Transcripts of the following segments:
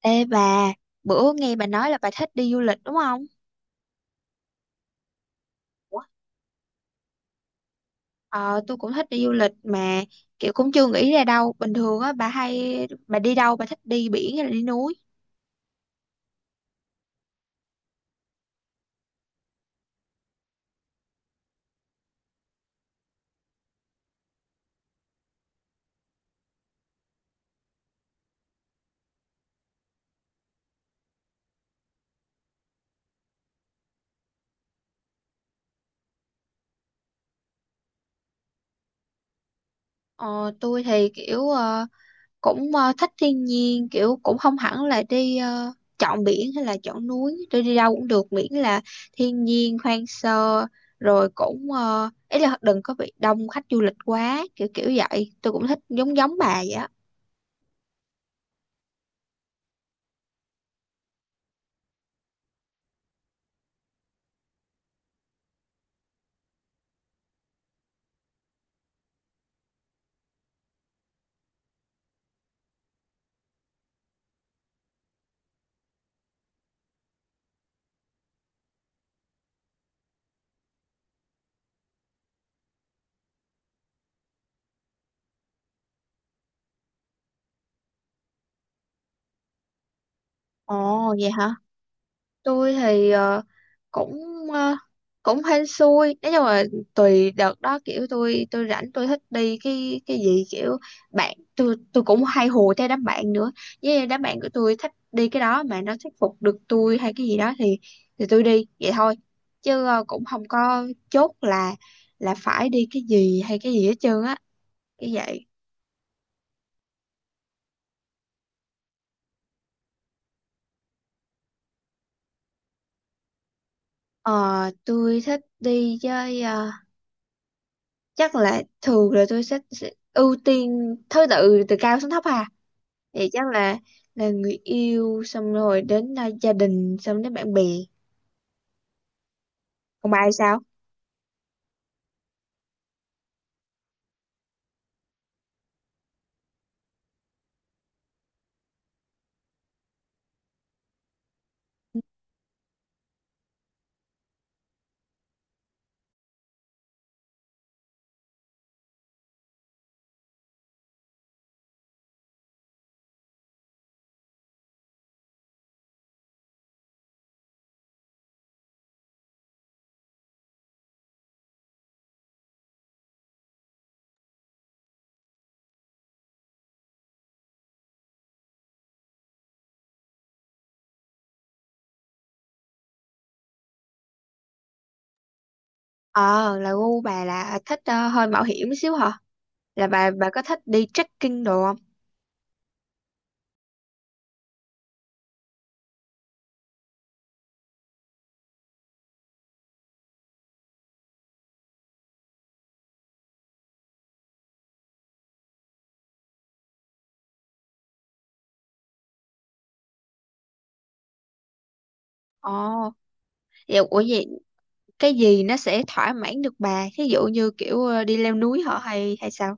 Ê bà, bữa nghe bà nói là bà thích đi du lịch đúng không? Ủa? Ờ, tôi cũng thích đi du lịch mà kiểu cũng chưa nghĩ ra đâu. Bình thường á, bà đi đâu, bà thích đi biển hay là đi núi? Ờ, tôi thì kiểu cũng ờ, thích thiên nhiên, kiểu cũng không hẳn là chọn biển hay là chọn núi. Tôi đi đâu cũng được, miễn là thiên nhiên, hoang sơ, rồi cũng ý là đừng có bị đông khách du lịch quá, kiểu kiểu vậy. Tôi cũng thích giống giống bà vậy á. Ồ, vậy hả? Tôi thì cũng ờ, cũng hên xui, nói chung là tùy đợt đó, kiểu tôi rảnh tôi thích đi cái gì, kiểu bạn tôi cũng hay hùa theo đám bạn nữa, với đám bạn của tôi thích đi cái đó mà nó thuyết phục được tôi hay cái gì đó thì tôi đi vậy thôi, chứ cũng không có chốt là phải đi cái gì hay cái gì hết trơn á, cái vậy. Ờ, tôi thích đi chơi, chắc là thường là tôi sẽ ưu tiên thứ tự từ cao xuống thấp hà, thì chắc là người yêu, xong rồi đến gia đình, xong đến bạn bè. Còn bà thì sao? Ờ là gu bà là thích hơi mạo hiểm một xíu hả? Là bà có thích đi trekking đồ không? Ồ, vậy ủa vậy, cái gì nó sẽ thỏa mãn được bà, thí dụ như kiểu đi leo núi hả, hay hay sao?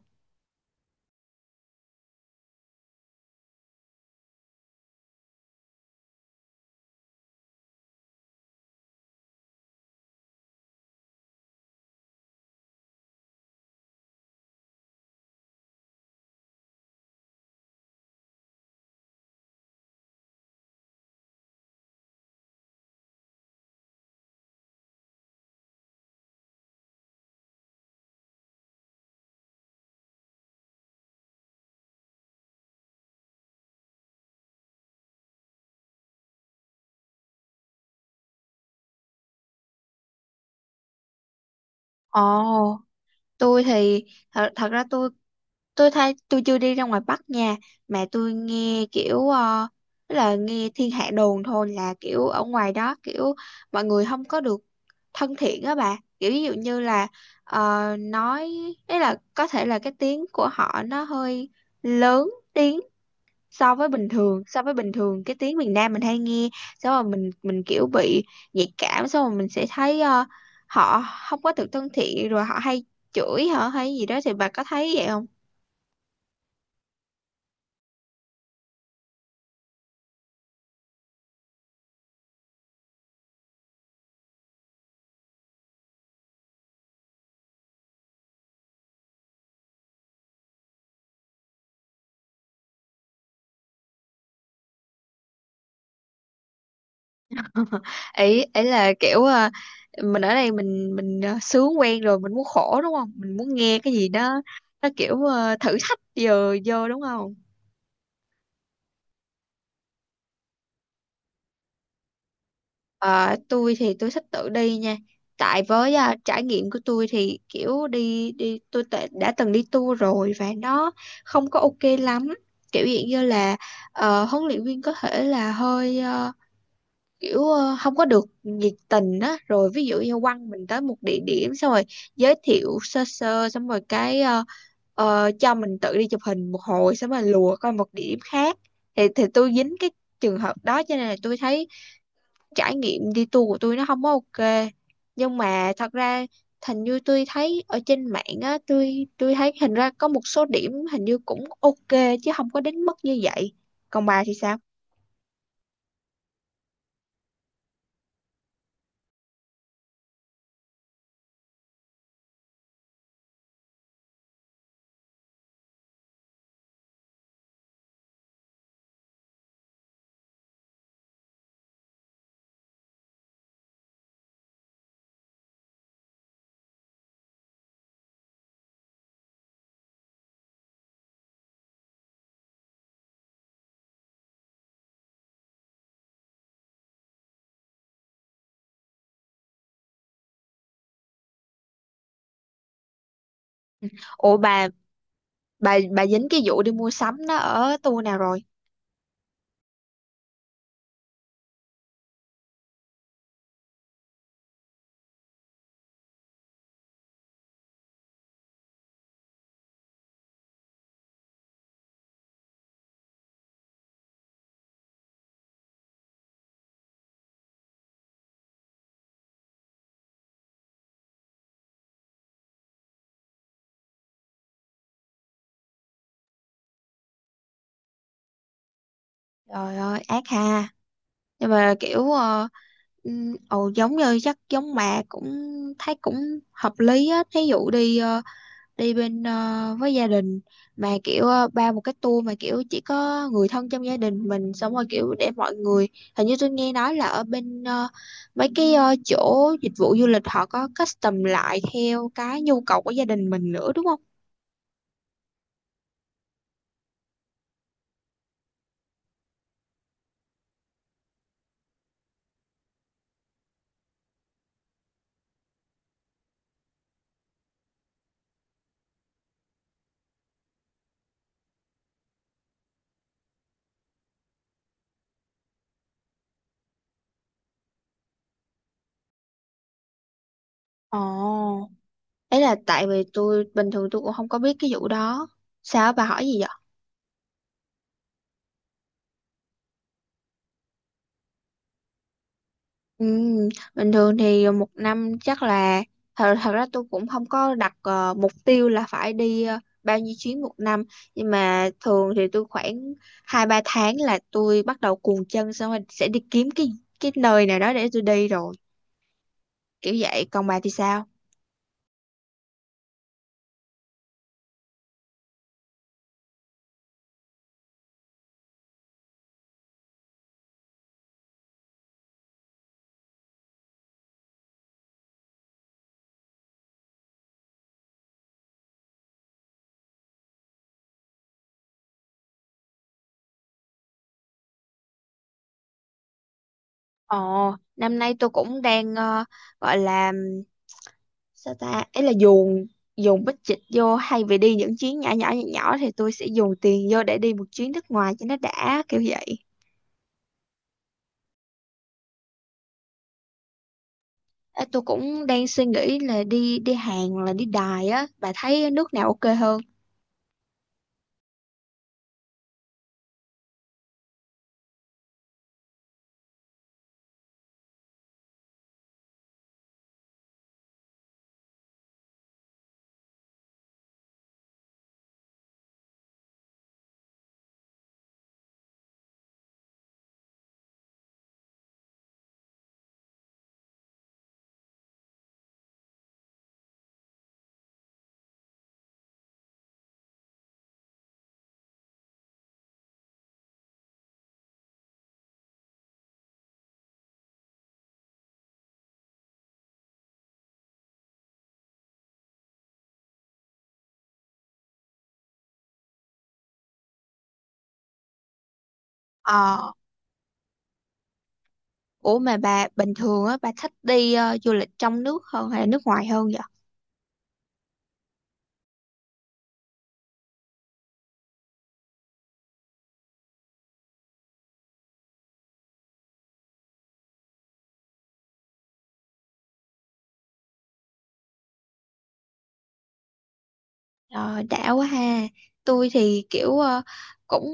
Ồ. Tôi thì thật ra, tôi thấy tôi chưa đi ra ngoài Bắc nha. Mà tôi nghe kiểu tức là nghe thiên hạ đồn thôi, là kiểu ở ngoài đó kiểu mọi người không có được thân thiện á bà, kiểu ví dụ như là nói ấy là có thể là cái tiếng của họ nó hơi lớn tiếng so với bình thường, so với bình thường cái tiếng miền Nam mình hay nghe, xong rồi mình kiểu bị nhạy cảm, xong rồi mình sẽ thấy họ không có được thân thiện, rồi họ hay chửi hả, hay gì đó, thì bà có thấy vậy không? ấy ấy là kiểu mình ở đây, mình sướng quen rồi, mình muốn khổ đúng không, mình muốn nghe cái gì đó nó kiểu thử thách giờ vô đúng không? Ờ, tôi thì tôi thích tự đi nha, tại với trải nghiệm của tôi thì kiểu đi đi tôi đã từng đi tour rồi và nó không có ok lắm, kiểu dạng như là huấn luyện viên có thể là hơi kiểu không có được nhiệt tình á, rồi ví dụ như quăng mình tới một địa điểm xong rồi giới thiệu sơ sơ xong rồi cái cho mình tự đi chụp hình một hồi xong rồi lùa coi một địa điểm khác, thì tôi dính cái trường hợp đó, cho nên là tôi thấy trải nghiệm đi tour của tôi nó không có ok. Nhưng mà thật ra hình như tôi thấy ở trên mạng á, tôi thấy hình ra có một số điểm hình như cũng ok chứ không có đến mức như vậy. Còn bà thì sao? Ủa bà dính cái vụ đi mua sắm nó ở tour nào rồi? Trời ơi, ác ha. Nhưng mà kiểu ồ, giống như chắc giống mẹ, cũng thấy cũng hợp lý á, thí dụ đi bên với gia đình, mà kiểu ba một cái tour mà kiểu chỉ có người thân trong gia đình mình, xong rồi kiểu để mọi người, hình như tôi nghe nói là ở bên mấy cái chỗ dịch vụ du lịch họ có custom lại theo cái nhu cầu của gia đình mình nữa đúng không? Ồ. Ấy là tại vì tôi bình thường tôi cũng không có biết cái vụ đó. Sao bà hỏi gì vậy? Ừ, bình thường thì một năm chắc là, thật ra tôi cũng không có đặt mục tiêu là phải đi bao nhiêu chuyến một năm, nhưng mà thường thì tôi khoảng 2-3 tháng là tôi bắt đầu cuồng chân, xong rồi sẽ đi kiếm cái nơi nào đó để tôi đi rồi, kiểu vậy. Còn bà thì sao? Ồ, năm nay tôi cũng đang gọi là sao ta, ấy là dùng dùng bích dịch vô hay vì đi những chuyến nhỏ nhỏ nhỏ nhỏ thì tôi sẽ dùng tiền vô để đi một chuyến nước ngoài cho nó đã, kiểu vậy. Ê, tôi cũng đang suy nghĩ là đi đi Hàn hoặc là đi Đài á, bà thấy nước nào ok hơn? ờ Ủa mà bà bình thường á, bà thích đi du lịch trong nước hơn hay là nước ngoài hơn vậy? Ờ, đã quá ha. Tôi thì kiểu cũng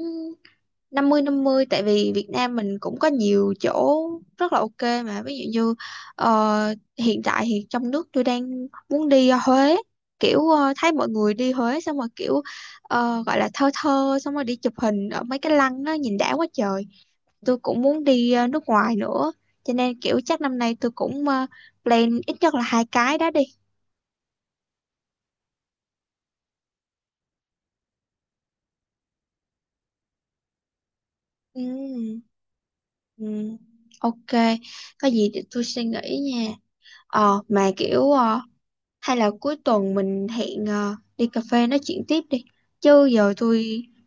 50/50, tại vì Việt Nam mình cũng có nhiều chỗ rất là ok mà, ví dụ như hiện tại thì trong nước tôi đang muốn đi Huế, kiểu thấy mọi người đi Huế xong rồi kiểu gọi là thơ thơ, xong rồi đi chụp hình ở mấy cái lăng nó nhìn đã quá trời. Tôi cũng muốn đi nước ngoài nữa, cho nên kiểu chắc năm nay tôi cũng plan ít nhất là hai cái đó đi. Ừ, ừ, ok. Có gì để tôi suy nghĩ nha. Mà kiểu, hay là cuối tuần mình hẹn đi cà phê nói chuyện tiếp đi. Chứ giờ tôi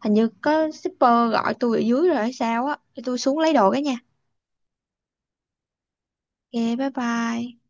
hình như có shipper gọi tôi ở dưới rồi hay sao á. Để tôi xuống lấy đồ cái nha. Ok, bye bye.